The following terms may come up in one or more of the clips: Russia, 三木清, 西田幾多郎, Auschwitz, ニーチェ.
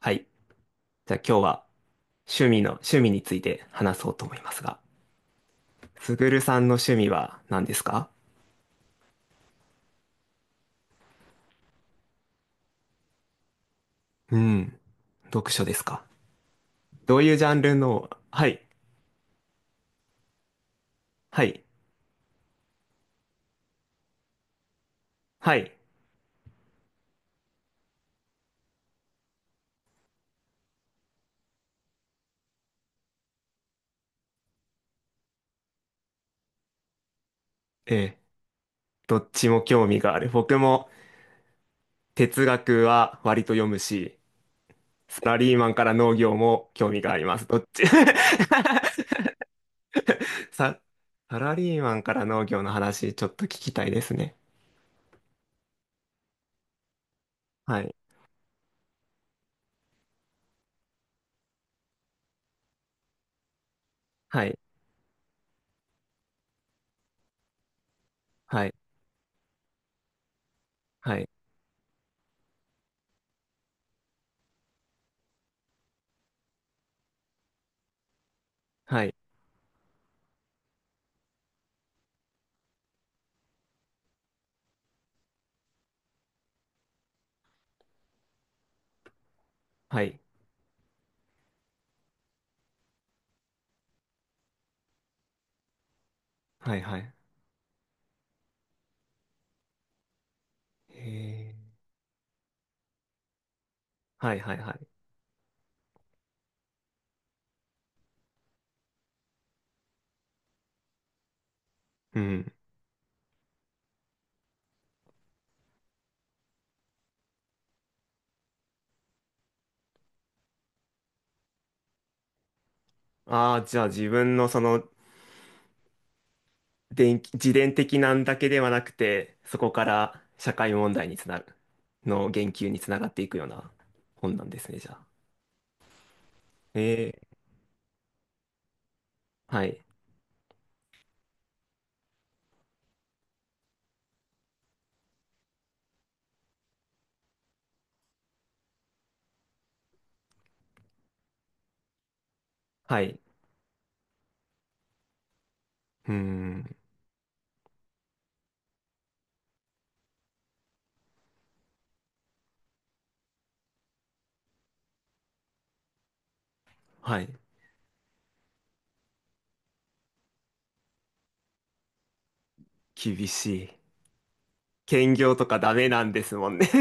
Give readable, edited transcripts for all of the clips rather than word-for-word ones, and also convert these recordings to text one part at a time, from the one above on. はい。じゃあ今日は趣味について話そうと思いますが、すぐるさんの趣味は何ですか？うん。読書ですか？どういうジャンルの、はい、はい、はい。ええ、どっちも興味がある。僕も哲学は割と読むし、サラリーマンから農業も興味があります。どっち。 さ、サラリーマンから農業の話ちょっと聞きたいですね。はい、はい、はい、はい、はい、はい、はい、はい、はい、へー、はいはいはい。うん。ああ、じゃあ自分のその自伝的なんだけではなくて、そこから社会問題につなる、の言及につながっていくような本なんですね、じゃあ。ええ、はい。はい。うん。はい。厳しい。兼業とかダメなんですもんね。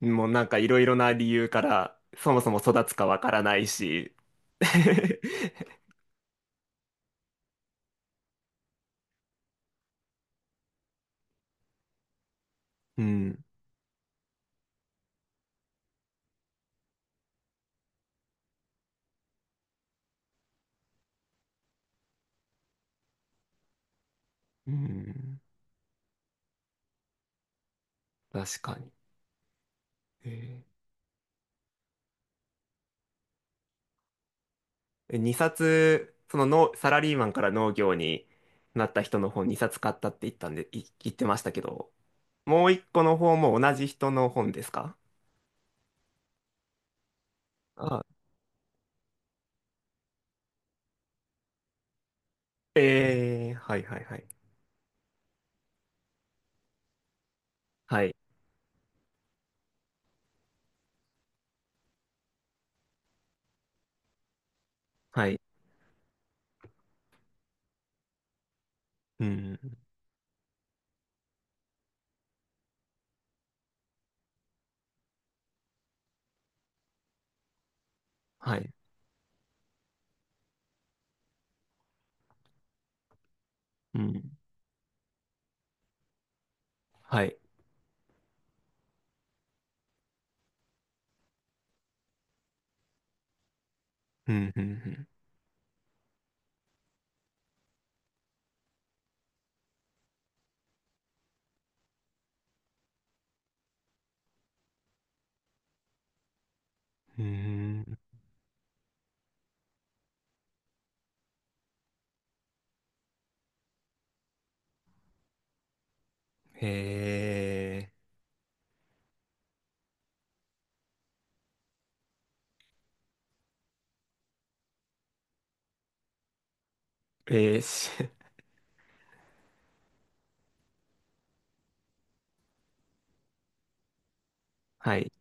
もうなんかいろいろな理由から、そもそも育つかわからないし。 うん。うん。確かに。え2冊、その農サラリーマンから農業になった人の本2冊買ったって言ったんで、言ってましたけど、もう1個の方も同じ人の本ですか？あ、ええ、はいはいはい。はい、はい、うん、はい、うん、はい、うん、うん、うん、うん、へえー、えー、し、はい、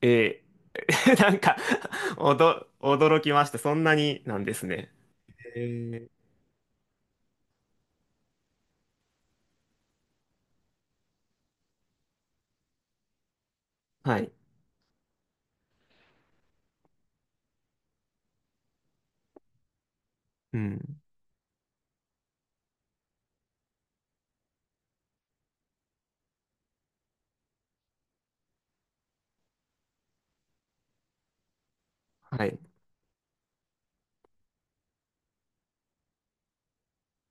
えー、なんか驚きました。そんなになんですね。えー、はい、うん、はい、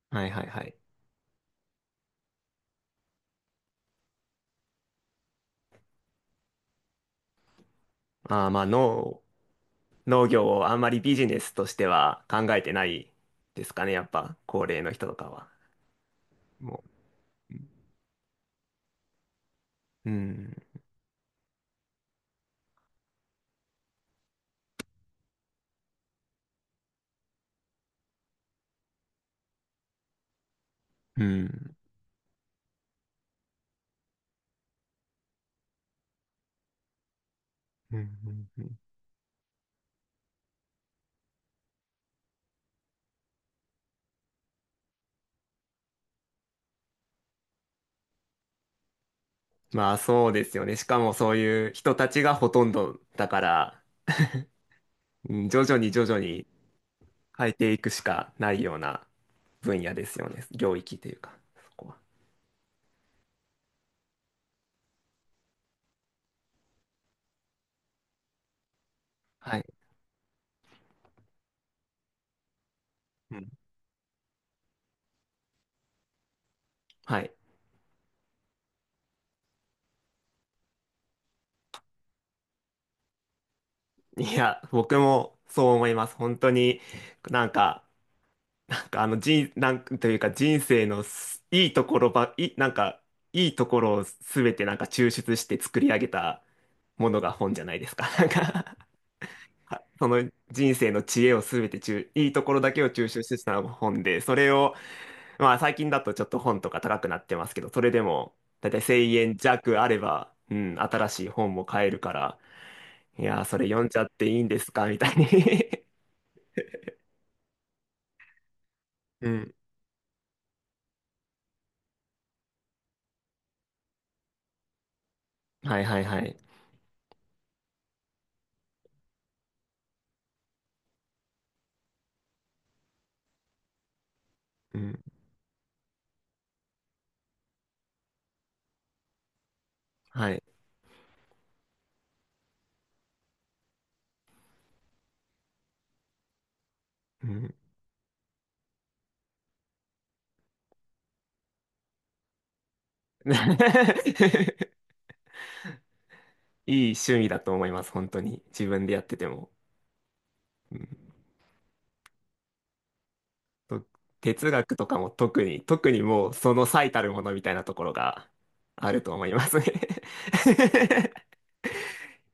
はい、はい、はい。まあーまあ農業をあんまりビジネスとしては考えてないですかね、やっぱ高齢の人とかは。もう、うん、うん、うん、うん。まあそうですよね。しかもそういう人たちがほとんどだから、うん、徐々に徐々に変えていくしかないような分野ですよね。領域というか、そこは。はい。うん。はい。いや、僕もそう思います。本当になんか、なんかあの人、なんというか人生のすいいところば、い、なんかいいところをすべてなんか抽出して作り上げたものが本じゃないですか。なんか。 あ、その人生の知恵をすべていいところだけを抽出したのが本で、それを、まあ最近だとちょっと本とか高くなってますけど、それでもだいたい1円弱あれば、うん、新しい本も買えるから、いやー、それ読んじゃっていいんですかみたいに。 うん。はいはいはい。うん。はい。うん。 いい趣味だと思います、本当に。自分でやってても。うんと哲学とかも特に、特にもうその最たるものみたいなところがあると思いますね。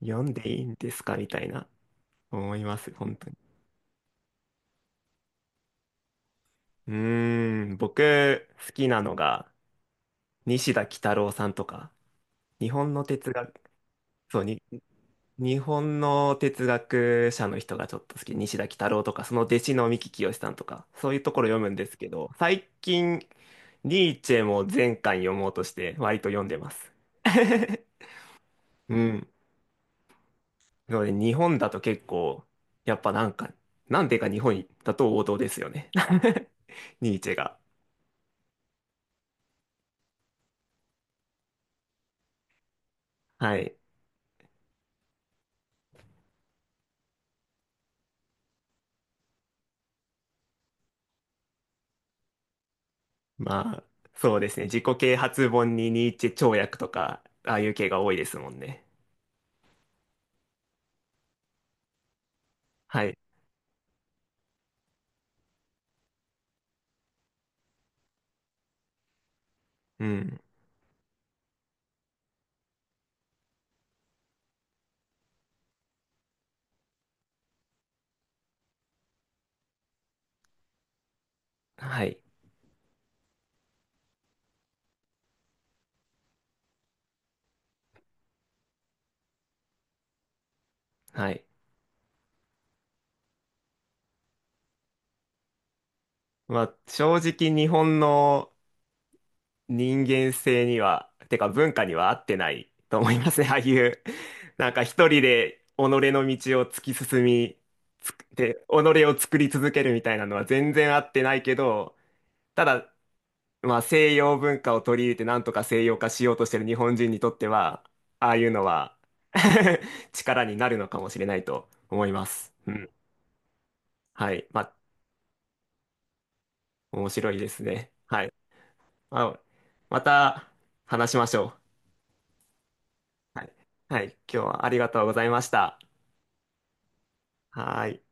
読んでいいんですかみたいな思います、本当に。うーん、僕好きなのが西田幾多郎さんとか、日本の哲学、そう、日本の哲学者の人がちょっと好き、西田幾多郎とか、その弟子の三木清さんとか、そういうところ読むんですけど、最近、ニーチェも全巻読もうとして、割と読んでます。うん。なので、日本だと結構、やっぱなんか、なんでか日本だと王道ですよね。ニーチェが。はい。まあ、そうですね。自己啓発本にニーチェ跳躍とか、ああいう系が多いですもんね。はい。うん。はい。はい。まあ、正直日本の人間性には、てか文化には合ってないと思いますね。ああいう、なんか一人で己の道を突き進み、つくで、己を作り続けるみたいなのは全然合ってないけど、ただ、まあ西洋文化を取り入れてなんとか西洋化しようとしてる日本人にとっては、ああいうのは 力になるのかもしれないと思います。うん。はい。まあ、面白いですね。はい。あ、また話しましょう。はい。はい。今日はありがとうございました。はーい。